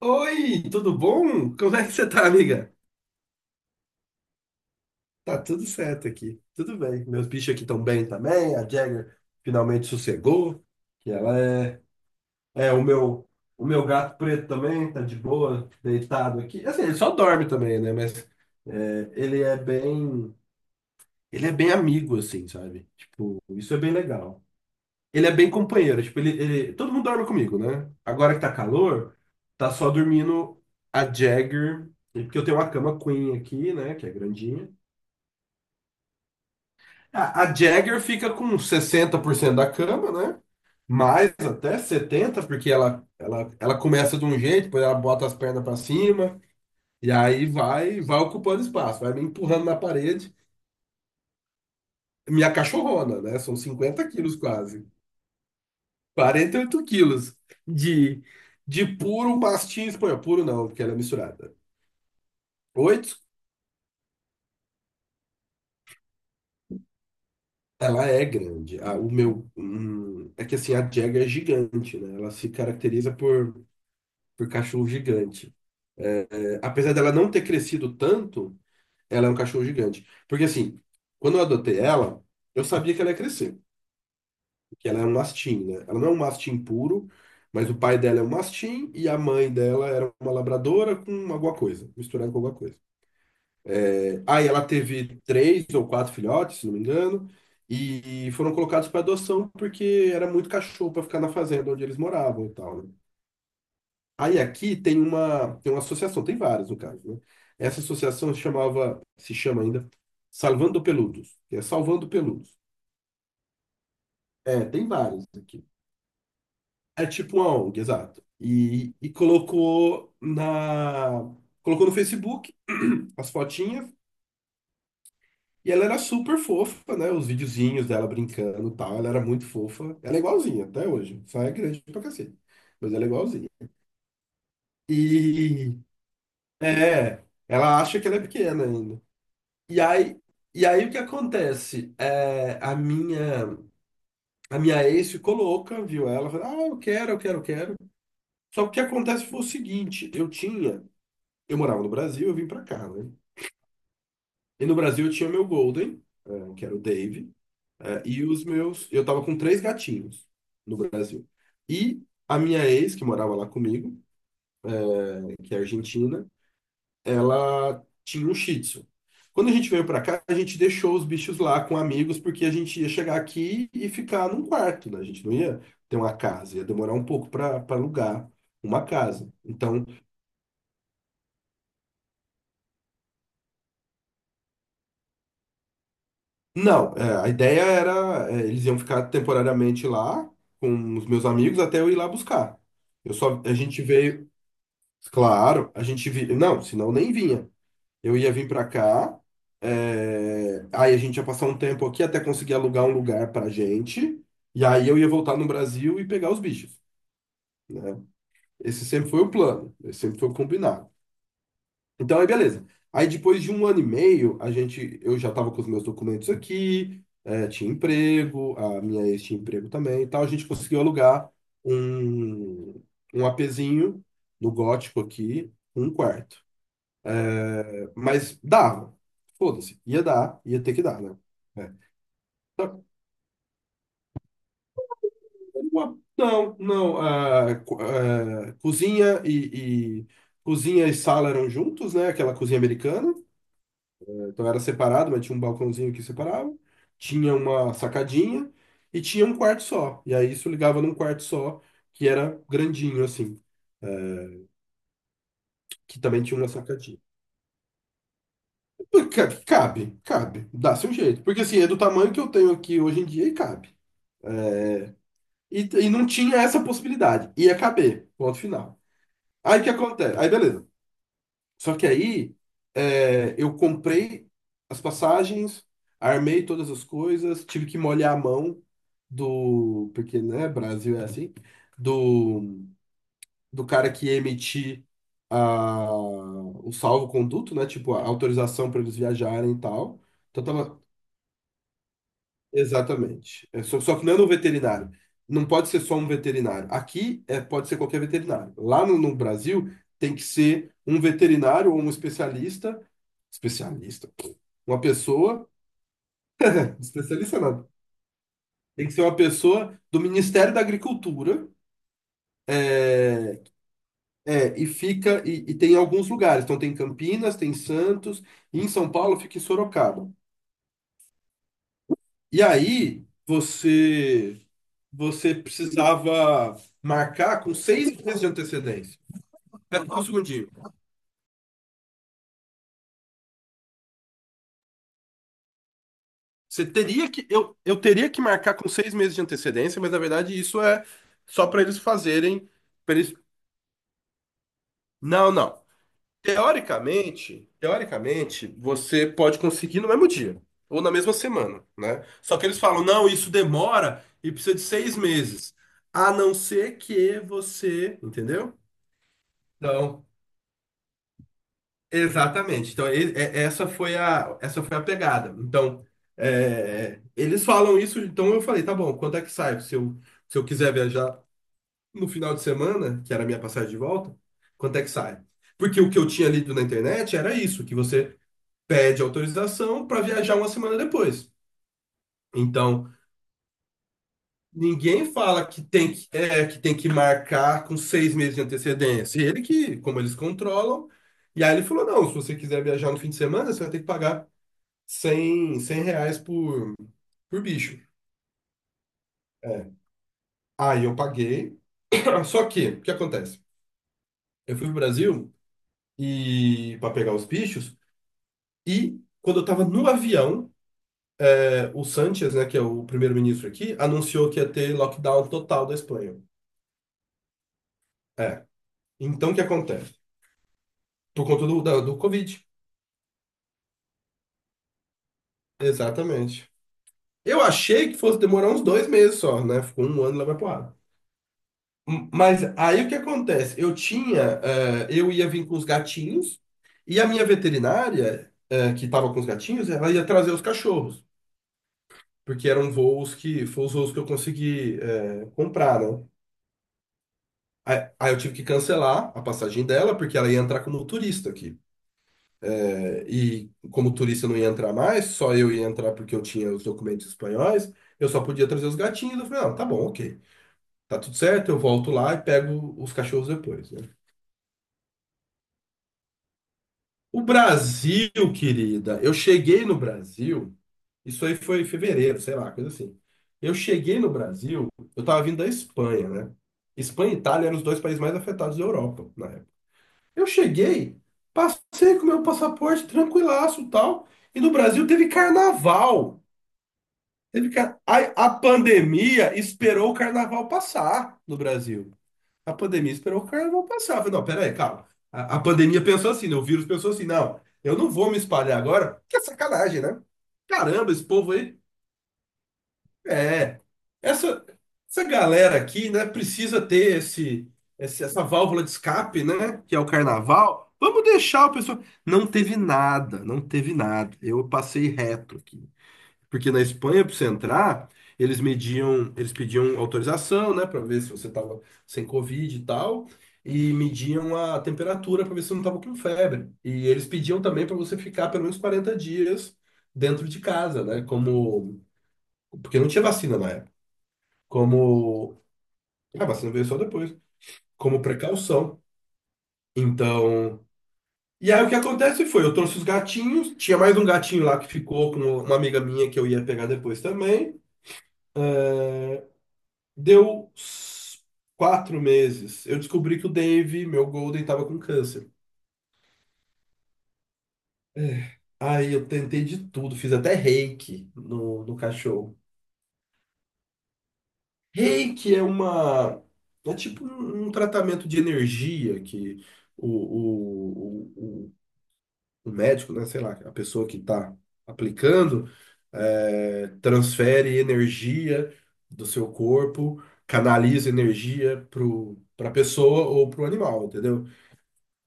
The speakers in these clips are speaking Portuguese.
Oi, tudo bom? Como é que você tá, amiga? Tá tudo certo aqui, tudo bem. Meus bichos aqui estão bem também. A Jagger finalmente sossegou, que ela é o meu gato preto também tá de boa, deitado aqui. Assim, ele só dorme também, né? Mas ele é bem amigo, assim, sabe? Tipo, isso é bem legal. Ele é bem companheiro, tipo, todo mundo dorme comigo, né? Agora que tá calor, tá só dormindo a Jagger, porque eu tenho uma cama queen aqui, né, que é grandinha. A Jagger fica com 60% da cama, né? Mais até 70%, porque ela começa de um jeito, depois ela bota as pernas pra cima, e aí vai ocupando espaço, vai me empurrando na parede. Minha cachorrona, né? São 50 quilos quase. 48 quilos de, de puro mastim espanhol. Puro não, porque ela é misturada. Oito, ela é grande. É que assim, a Jagger é gigante, né? Ela se caracteriza por cachorro gigante. É, apesar dela não ter crescido tanto, ela é um cachorro gigante. Porque assim, quando eu adotei ela, eu sabia que ela ia crescer, que ela é um mastim, né? Ela não é um mastim puro, mas o pai dela é um mastim e a mãe dela era uma labradora com alguma coisa, misturada com alguma coisa. Aí ela teve três ou quatro filhotes, se não me engano, e foram colocados para adoção porque era muito cachorro para ficar na fazenda onde eles moravam e tal, né? Aí aqui tem uma, associação, tem várias no caso, né? Essa associação se chamava, se chama ainda Salvando Peludos, que é Salvando Peludos. É, tem várias aqui. É tipo uma ONG, exato. E colocou no Facebook as fotinhas. E ela era super fofa, né? Os videozinhos dela brincando e tal. Ela era muito fofa. Ela é igualzinha até hoje. Só é grande pra cacete. Mas ela é igualzinha. E é, ela acha que ela é pequena ainda. E aí, e aí, o que acontece? A minha ex ficou louca, viu? Ela falou, ah, eu quero, eu quero, eu quero. Só que o que acontece foi o seguinte, eu morava no Brasil, eu vim pra cá, né? E no Brasil eu tinha o meu Golden, que era o Dave, e os meus. Eu tava com três gatinhos no Brasil. E a minha ex, que morava lá comigo, né, que é argentina, ela tinha um Shih Tzu. Quando a gente veio pra cá, a gente deixou os bichos lá com amigos, porque a gente ia chegar aqui e ficar num quarto, né? A gente não ia ter uma casa, ia demorar um pouco pra alugar uma casa. Então. Não, a ideia era, eles iam ficar temporariamente lá com os meus amigos até eu ir lá buscar. Eu só, a gente veio, claro, não, senão nem vinha. Eu ia vir pra cá, aí a gente ia passar um tempo aqui até conseguir alugar um lugar pra gente, e aí eu ia voltar no Brasil e pegar os bichos. Esse sempre foi o plano, esse sempre foi o combinado. Então, aí beleza. Aí depois de um ano e meio, a gente, eu já estava com os meus documentos aqui, tinha emprego, a minha ex tinha emprego também e tal. A gente conseguiu alugar um, um apezinho no Gótico aqui, um quarto. É, mas dava. Foda-se. Ia dar, ia ter que dar, né? É. Tá. Não, não. Cozinha e sala eram juntos, né? Aquela cozinha americana. Então era separado, mas tinha um balcãozinho que separava, tinha uma sacadinha e tinha um quarto só. E aí isso ligava num quarto só, que era grandinho, assim, que também tinha uma sacadinha. Pô, cabe, cabe, dá se um jeito. Porque assim, é do tamanho que eu tenho aqui hoje em dia e cabe. E não tinha essa possibilidade. Ia caber, ponto final. Aí o que acontece? Aí beleza. Só que aí eu comprei as passagens, armei todas as coisas, tive que molhar a mão do, porque, né, Brasil é assim, do, do cara que ia emitir o salvo-conduto, né, tipo, a autorização para eles viajarem e tal. Então tava, exatamente. É, só que não é no veterinário. Não pode ser só um veterinário. Aqui é, pode ser qualquer veterinário. Lá no Brasil tem que ser um veterinário ou um especialista. Especialista, pô. Uma pessoa. Especialista nada. Tem que ser uma pessoa do Ministério da Agricultura. É, é, e fica. E tem em alguns lugares. Então tem Campinas, tem Santos. E em São Paulo fica em Sorocaba. E aí você. Você precisava marcar com 6 meses de antecedência. Espera só um segundinho. Você teria que. Eu teria que marcar com 6 meses de antecedência, mas na verdade isso é só para eles fazerem. Pra eles... Não, não. Teoricamente, teoricamente, você pode conseguir no mesmo dia ou na mesma semana, né? Só que eles falam, não, isso demora e precisa de 6 meses, a não ser que você, entendeu? Então, exatamente. Então, essa foi a pegada. Então, eles falam isso. Então, eu falei, tá bom. Quanto é que sai? Se eu quiser viajar no final de semana, que era a minha passagem de volta, quanto é que sai? Porque o que eu tinha lido na internet era isso, que você pede autorização para viajar uma semana depois. Então, ninguém fala que tem que, que tem que marcar com 6 meses de antecedência. Ele que, como eles controlam. E aí ele falou: não, se você quiser viajar no fim de semana, você vai ter que pagar 100 R$ 100 por bicho. É. Aí eu paguei. Só que, o que acontece? Eu fui pro Brasil e para pegar os bichos e. Quando eu estava no avião, o Sánchez, né, que é o primeiro-ministro aqui, anunciou que ia ter lockdown total da Espanha. É. Então, o que acontece? Por conta do Covid. Exatamente. Eu achei que fosse demorar uns 2 meses só, né? Ficou um ano lá vai pro ar. Mas aí o que acontece? Eu tinha, eu ia vir com os gatinhos e a minha veterinária, que estava com os gatinhos, ela ia trazer os cachorros, porque eram voos que, foram os voos que eu consegui, comprar, né? Aí, eu tive que cancelar a passagem dela, porque ela ia entrar como turista aqui. E como turista eu não ia entrar mais, só eu ia entrar porque eu tinha os documentos espanhóis, eu só podia trazer os gatinhos. Eu falei, não, tá bom, ok. Tá tudo certo, eu volto lá e pego os cachorros depois, né? O Brasil, querida, eu cheguei no Brasil, isso aí foi em fevereiro, sei lá, coisa assim. Eu cheguei no Brasil, eu tava vindo da Espanha, né? Espanha e Itália eram os dois países mais afetados da Europa na época. Eu cheguei, passei com meu passaporte tranquilaço e tal, e no Brasil teve carnaval. A pandemia esperou o carnaval passar no Brasil. A pandemia esperou o carnaval passar. Eu falei, não, peraí, calma. A pandemia pensou assim, né? O vírus pensou assim, não, eu não vou me espalhar agora, que é sacanagem, né? Caramba, esse povo aí. É. Essa, essa galera aqui, né, precisa ter essa válvula de escape, né? Que é o carnaval. Vamos deixar o pessoal. Não teve nada, não teve nada. Eu passei reto aqui. Porque na Espanha, para você entrar, eles mediam, eles pediam autorização, né, para ver se você estava sem Covid e tal, e mediam a temperatura para ver se você não estava com febre. E eles pediam também para você ficar pelo menos 40 dias dentro de casa, né, como porque não tinha vacina na época. Como a vacina veio só depois, como precaução. Então, e aí o que acontece foi, eu trouxe os gatinhos, tinha mais um gatinho lá que ficou com uma amiga minha que eu ia pegar depois também. Deu s- quatro meses. Eu descobri que o Dave, meu Golden, tava com câncer. Aí eu tentei de tudo, fiz até reiki no cachorro. Reiki é uma. É tipo um, tratamento de energia que o, o, o, o- o médico, né, sei lá, a pessoa que tá aplicando, transfere energia do seu corpo, canaliza energia pra pessoa ou pro animal, entendeu?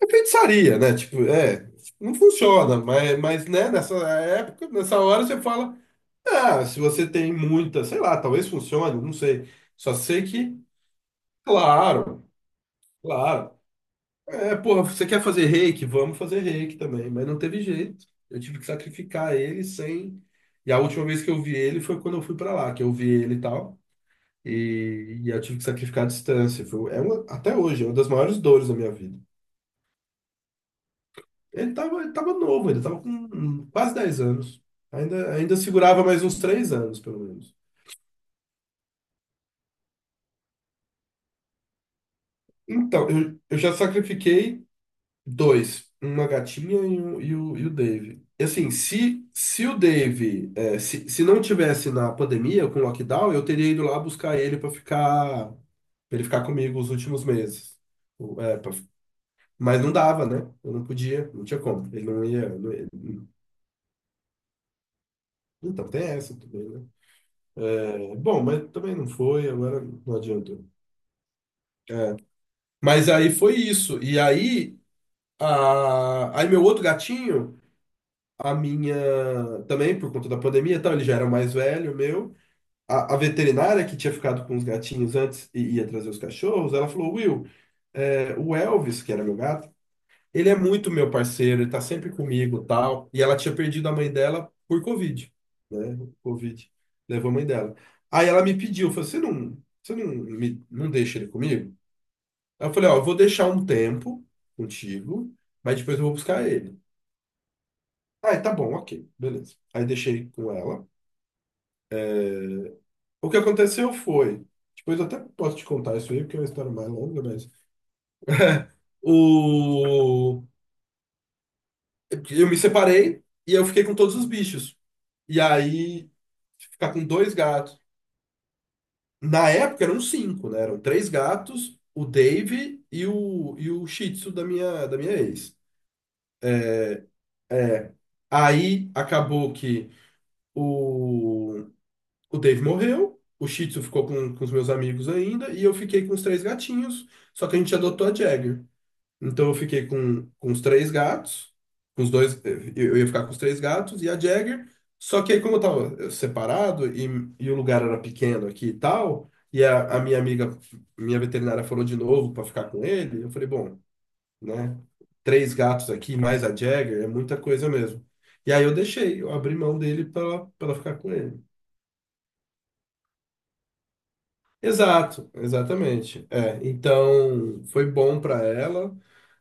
É feitiçaria, né? Tipo, não funciona, mas né, nessa época, nessa hora você fala, ah, se você tem muita, sei lá, talvez funcione, não sei. Só sei que, claro, claro. É, porra, você quer fazer reiki? Vamos fazer reiki também, mas não teve jeito. Eu tive que sacrificar ele sem. E a última vez que eu vi ele foi quando eu fui pra lá, que eu vi ele e tal. E eu tive que sacrificar a distância. Foi, é uma, até hoje, é uma das maiores dores da minha vida. Ele tava novo, ele estava com quase 10 anos. Ainda segurava mais uns 3 anos, pelo menos. Então, eu já sacrifiquei dois, uma gatinha e o Dave. E assim, se o Dave, se não tivesse na pandemia, com o lockdown, eu teria ido lá buscar ele para ficar, pra ele ficar comigo os últimos meses. O- é, pra- mas não dava, né? Eu não podia, não tinha como. Ele não ia. Então, tem essa também, né? É, bom, mas também não foi, agora não adianta. Mas aí foi isso. E aí, aí meu outro gatinho, a minha também por conta da pandemia, e tal, ele já era mais velho, meu. A veterinária que tinha ficado com os gatinhos antes e ia trazer os cachorros, ela falou: Will, é, o Elvis, que era meu gato, ele é muito meu parceiro, ele tá sempre comigo, tal. E ela tinha perdido a mãe dela por Covid, né? O Covid levou a mãe dela. Aí ela me pediu, falou: você não, me, não deixa ele comigo? Aí eu falei, ó, eu vou deixar um tempo contigo, mas depois eu vou buscar ele. Ah, tá bom, ok, beleza. Aí deixei com ela. O que aconteceu foi, depois eu até posso te contar isso aí, porque é uma história mais longa, mas o eu me separei e eu fiquei com todos os bichos. E aí ficar com dois gatos. Na época eram cinco, né? Eram três gatos, o Dave e o Shih Tzu da minha ex. Aí acabou que o O Dave morreu, o Shih Tzu ficou com os meus amigos ainda, e eu fiquei com os três gatinhos, só que a gente adotou a Jagger. Então eu fiquei com os três gatos, com os dois, eh, eu ia ficar com os três gatos e a Jagger, só que aí como eu tava separado e, o lugar era pequeno aqui e tal, e a minha amiga, minha veterinária falou de novo para ficar com ele, eu falei, bom, né, três gatos aqui mais a Jagger é muita coisa mesmo. E aí eu deixei, eu abri mão dele para ela pra ela ficar com ele. Exato, exatamente. É, então foi bom para ela,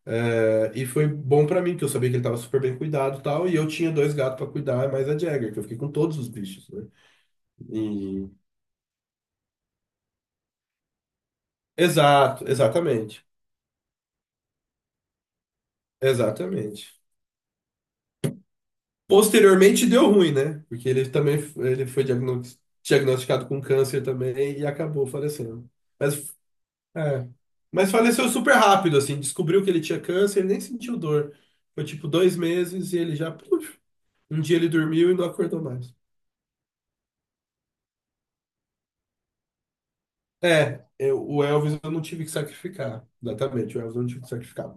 é, e foi bom para mim, que eu sabia que ele estava super bem cuidado e tal, e eu tinha dois gatos para cuidar, mais a Jagger, que eu fiquei com todos os bichos, né? E- Exato, exatamente. Exatamente. Posteriormente deu ruim, né? Porque ele também ele foi diagnosticado com câncer também e acabou falecendo. Mas, é, mas faleceu super rápido, assim, descobriu que ele tinha câncer, ele nem sentiu dor. Foi tipo 2 meses e ele já. Um dia ele dormiu e não acordou mais. É, o Elvis eu não tive que sacrificar. Exatamente, o Elvis eu não tive que sacrificar.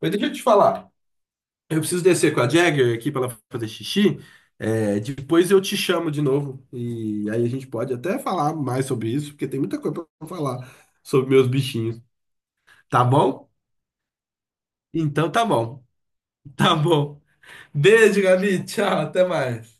Mas deixa eu te falar. Eu preciso descer com a Jagger aqui para ela fazer xixi. É, depois eu te chamo de novo. E aí a gente pode até falar mais sobre isso, porque tem muita coisa para falar sobre meus bichinhos. Tá bom? Então tá bom. Tá bom. Beijo, Gabi. Tchau, até mais.